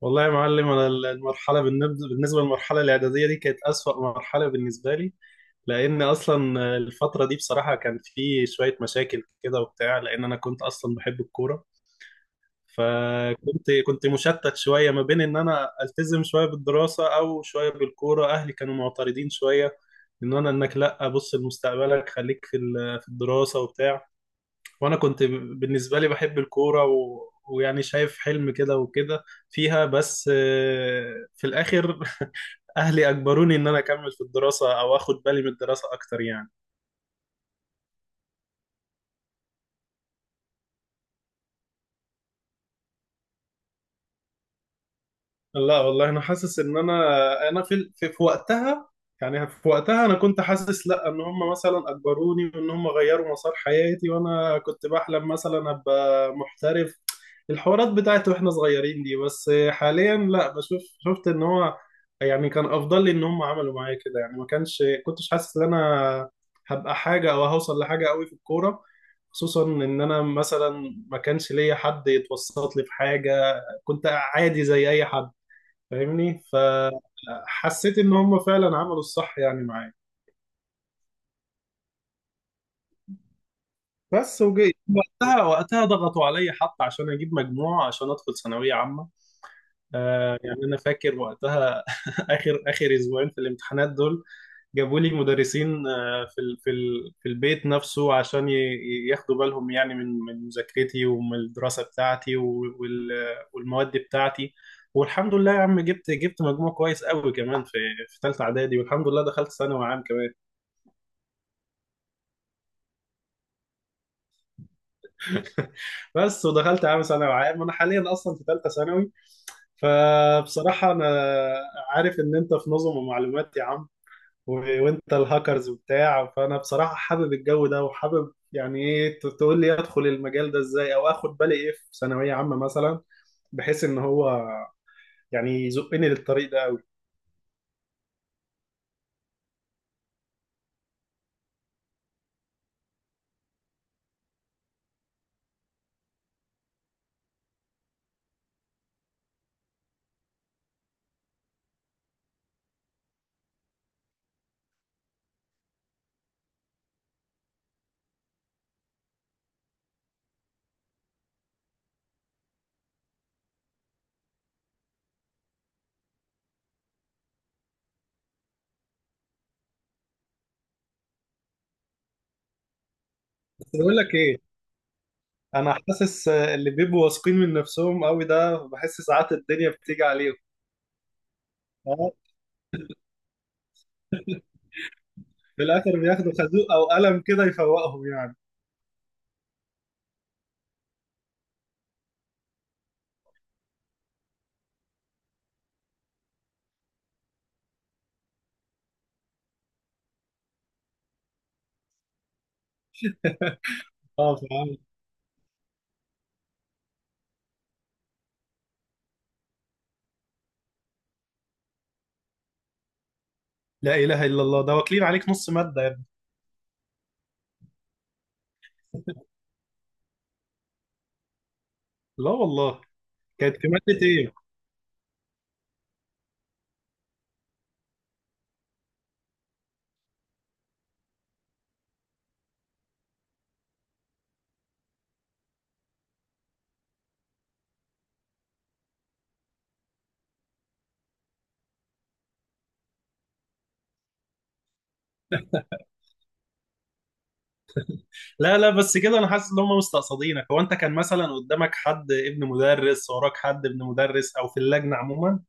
والله يا معلم، انا المرحله بالنسبه للمرحله الاعداديه دي كانت اسوأ مرحله بالنسبه لي. لان اصلا الفتره دي بصراحه كان في شويه مشاكل كده وبتاع، لان انا كنت اصلا بحب الكوره. فكنت مشتت شويه ما بين ان انا التزم شويه بالدراسه او شويه بالكوره. اهلي كانوا معترضين شويه، ان انا انك لا بص لمستقبلك خليك في الدراسه وبتاع. وانا كنت بالنسبه لي بحب الكوره ويعني شايف حلم كده وكده فيها، بس في الاخر اهلي اجبروني ان انا اكمل في الدراسه او اخد بالي من الدراسه اكتر يعني. لا والله، انا حاسس ان انا في وقتها. يعني في وقتها انا كنت حاسس لا، ان هم مثلا اجبروني وان هم غيروا مسار حياتي، وانا كنت بحلم مثلا ابقى محترف الحوارات بتاعت واحنا صغيرين دي. بس حاليا لا، بشوف شفت ان هو يعني كان افضل لي ان هم عملوا معايا كده، يعني ما كانش كنتش حاسس ان انا هبقى حاجة او هوصل لحاجة قوي في الكورة. خصوصا ان انا مثلا ما كانش ليا حد يتوسط لي في حاجة، كنت عادي زي اي حد فاهمني. فحسيت ان هم فعلا عملوا الصح يعني معايا. بس وجيت وقتها ضغطوا عليا حتى عشان اجيب مجموع عشان ادخل ثانويه عامه. آه يعني انا فاكر وقتها اخر اسبوعين في الامتحانات دول جابوا لي مدرسين، في البيت نفسه عشان ياخدوا بالهم يعني من مذاكرتي ومن الدراسه بتاعتي والمواد بتاعتي. والحمد لله يا عم جبت مجموع كويس قوي كمان في ثالثه اعدادي، والحمد لله دخلت ثانوي عام كمان. بس ودخلت عام، ثانوي عام، انا حاليا اصلا في ثالثه ثانوي. فبصراحه انا عارف ان انت في نظم ومعلومات يا عم، وانت الهاكرز وبتاع، فانا بصراحه حابب الجو ده وحابب يعني ايه تقول لي ادخل المجال ده ازاي او اخد بالي ايه في ثانويه عامه مثلا، بحيث ان هو يعني يزقني للطريق ده قوي. بس بقول لك ايه، انا حاسس اللي بيبقوا واثقين من نفسهم قوي ده، بحس ساعات الدنيا بتيجي عليهم. اه، في الاخر بياخدوا خازوق او قلم كده يفوقهم يعني. اه فاهم. لا اله الا الله، ده واكلين عليك نص ماده يا ابني. لا والله. كانت في ماده ايه؟ لا لا، بس كده انا حاسس ان هم مستقصدينك. هو انت كان مثلا قدامك حد ابن مدرس وراك حد ابن مدرس او في اللجنه عموما؟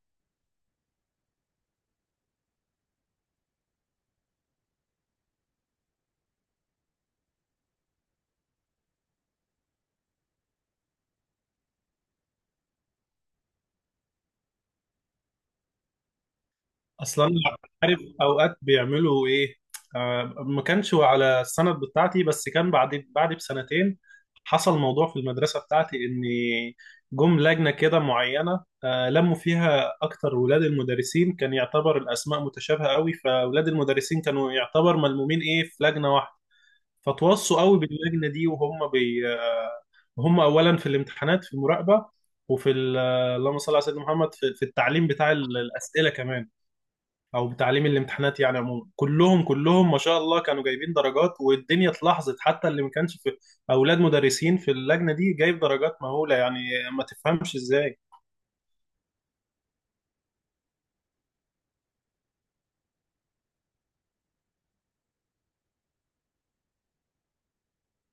اصلا عارف اوقات بيعملوا ايه؟ آه، ما كانش على السند بتاعتي بس كان بعد بسنتين حصل موضوع في المدرسه بتاعتي، ان جم لجنه كده معينه، آه، لموا فيها اكتر ولاد المدرسين. كان يعتبر الاسماء متشابهه قوي فولاد المدرسين كانوا يعتبر ملمومين ايه في لجنه واحده. فتوصوا قوي باللجنه دي، وهم بي هم اولا في الامتحانات في المراقبه، وفي ال- اللهم صل على سيدنا محمد، في التعليم بتاع الاسئله كمان، او بتعليم الامتحانات. يعني عموما كلهم كلهم ما شاء الله كانوا جايبين درجات، والدنيا اتلاحظت حتى اللي ما كانش في اولاد مدرسين في اللجنه دي جايب درجات مهوله يعني، ما تفهمش ازاي.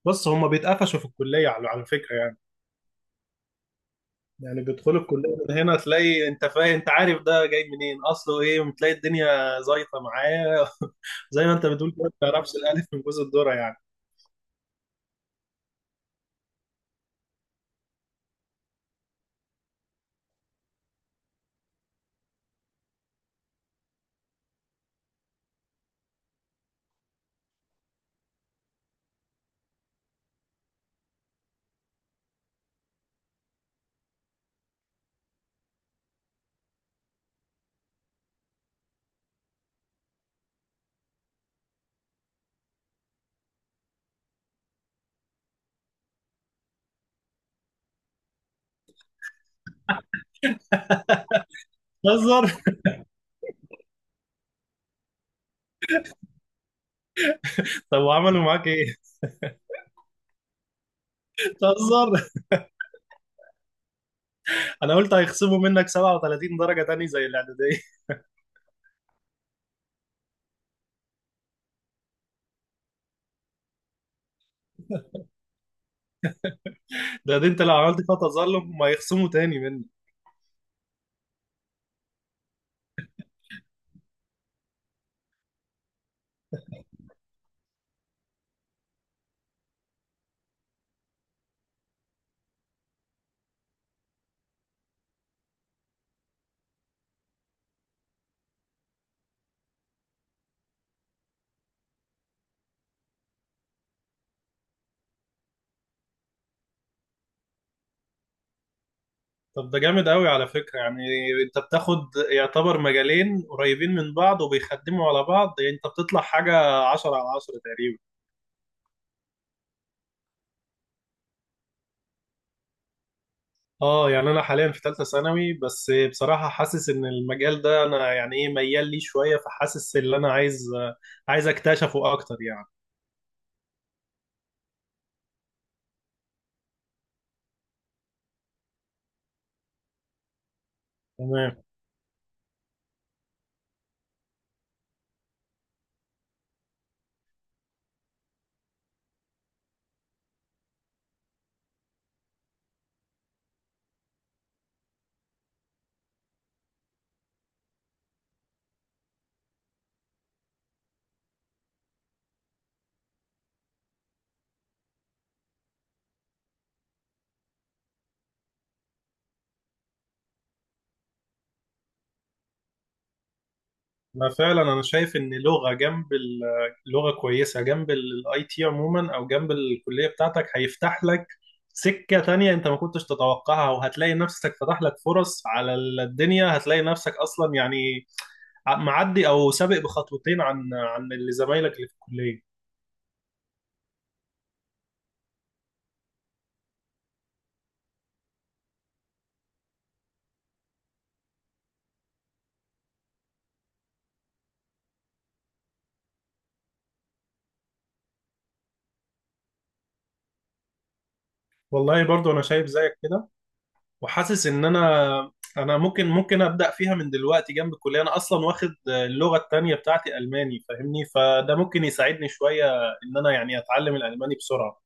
بس هم بيتقفشوا في الكليه على فكره يعني. يعني بيدخلوا الكليه من هنا تلاقي انت فاهم، انت عارف ده جاي منين اصله ايه. تلاقي الدنيا زيطه معاه زي ما انت بتقول كده، ما تعرفش الالف من جوز الذره يعني. تهزر! طب وعملوا معاك ايه؟ تهزر! انا قلت هيخصموا منك 37 درجه تاني زي الاعداديه. ده انت لو عملت فيها تظلم هم هيخصموا تاني منك. طب ده جامد قوي على فكرة يعني. انت بتاخد يعتبر مجالين قريبين من بعض وبيخدموا على بعض، يعني انت بتطلع حاجة عشرة على عشرة تقريبا. اه يعني انا حاليا في ثالثة ثانوي، بس بصراحة حاسس ان المجال ده انا يعني ايه ميال ليه شوية، فحاسس ان انا عايز اكتشفه اكتر يعني. تمام. ما فعلا انا شايف ان لغه جنب اللغه كويسه جنب الاي تي عموما او جنب الكليه بتاعتك، هيفتح لك سكه تانية انت ما كنتش تتوقعها، وهتلاقي نفسك فتح لك فرص على الدنيا، هتلاقي نفسك اصلا يعني معدي او سابق بخطوتين عن اللي زمايلك اللي في الكليه. والله برضو انا شايف زيك كده، وحاسس ان انا ممكن ابدا فيها من دلوقتي جنب الكليه. انا اصلا واخد اللغه التانية بتاعتي الماني فاهمني، فده ممكن يساعدني شويه ان انا يعني اتعلم الالماني بسرعه.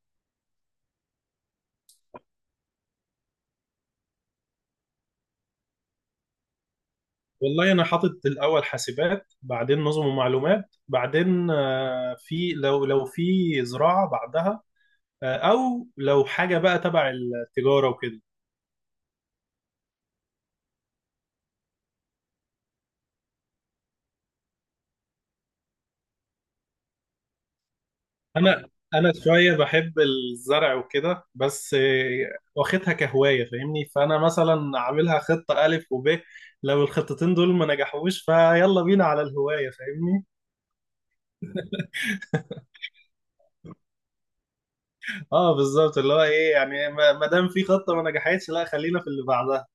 والله انا حاطط الاول حاسبات، بعدين نظم ومعلومات، بعدين في لو في زراعه بعدها، او لو حاجه بقى تبع التجاره وكده. انا انا شويه بحب الزرع وكده، بس واخدها كهوايه فاهمني. فانا مثلا عاملها خطه الف وب، لو الخطتين دول ما نجحوش فيلا بينا على الهوايه فاهمني. اه بالظبط، اللي هو ايه يعني، ما ما دام في خطه ما نجحتش لا خلينا في اللي بعدها.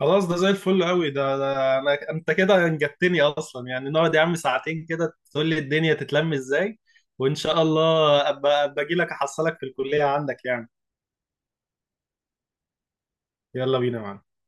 خلاص ده زي الفل قوي، ده انا، انت كده انجبتني اصلا يعني، نقعد يا عم ساعتين كده تقول لي الدنيا تتلم ازاي، وان شاء الله ابقى باجي لك احصلك في الكليه عندك يعني. يلا بينا يا معلم.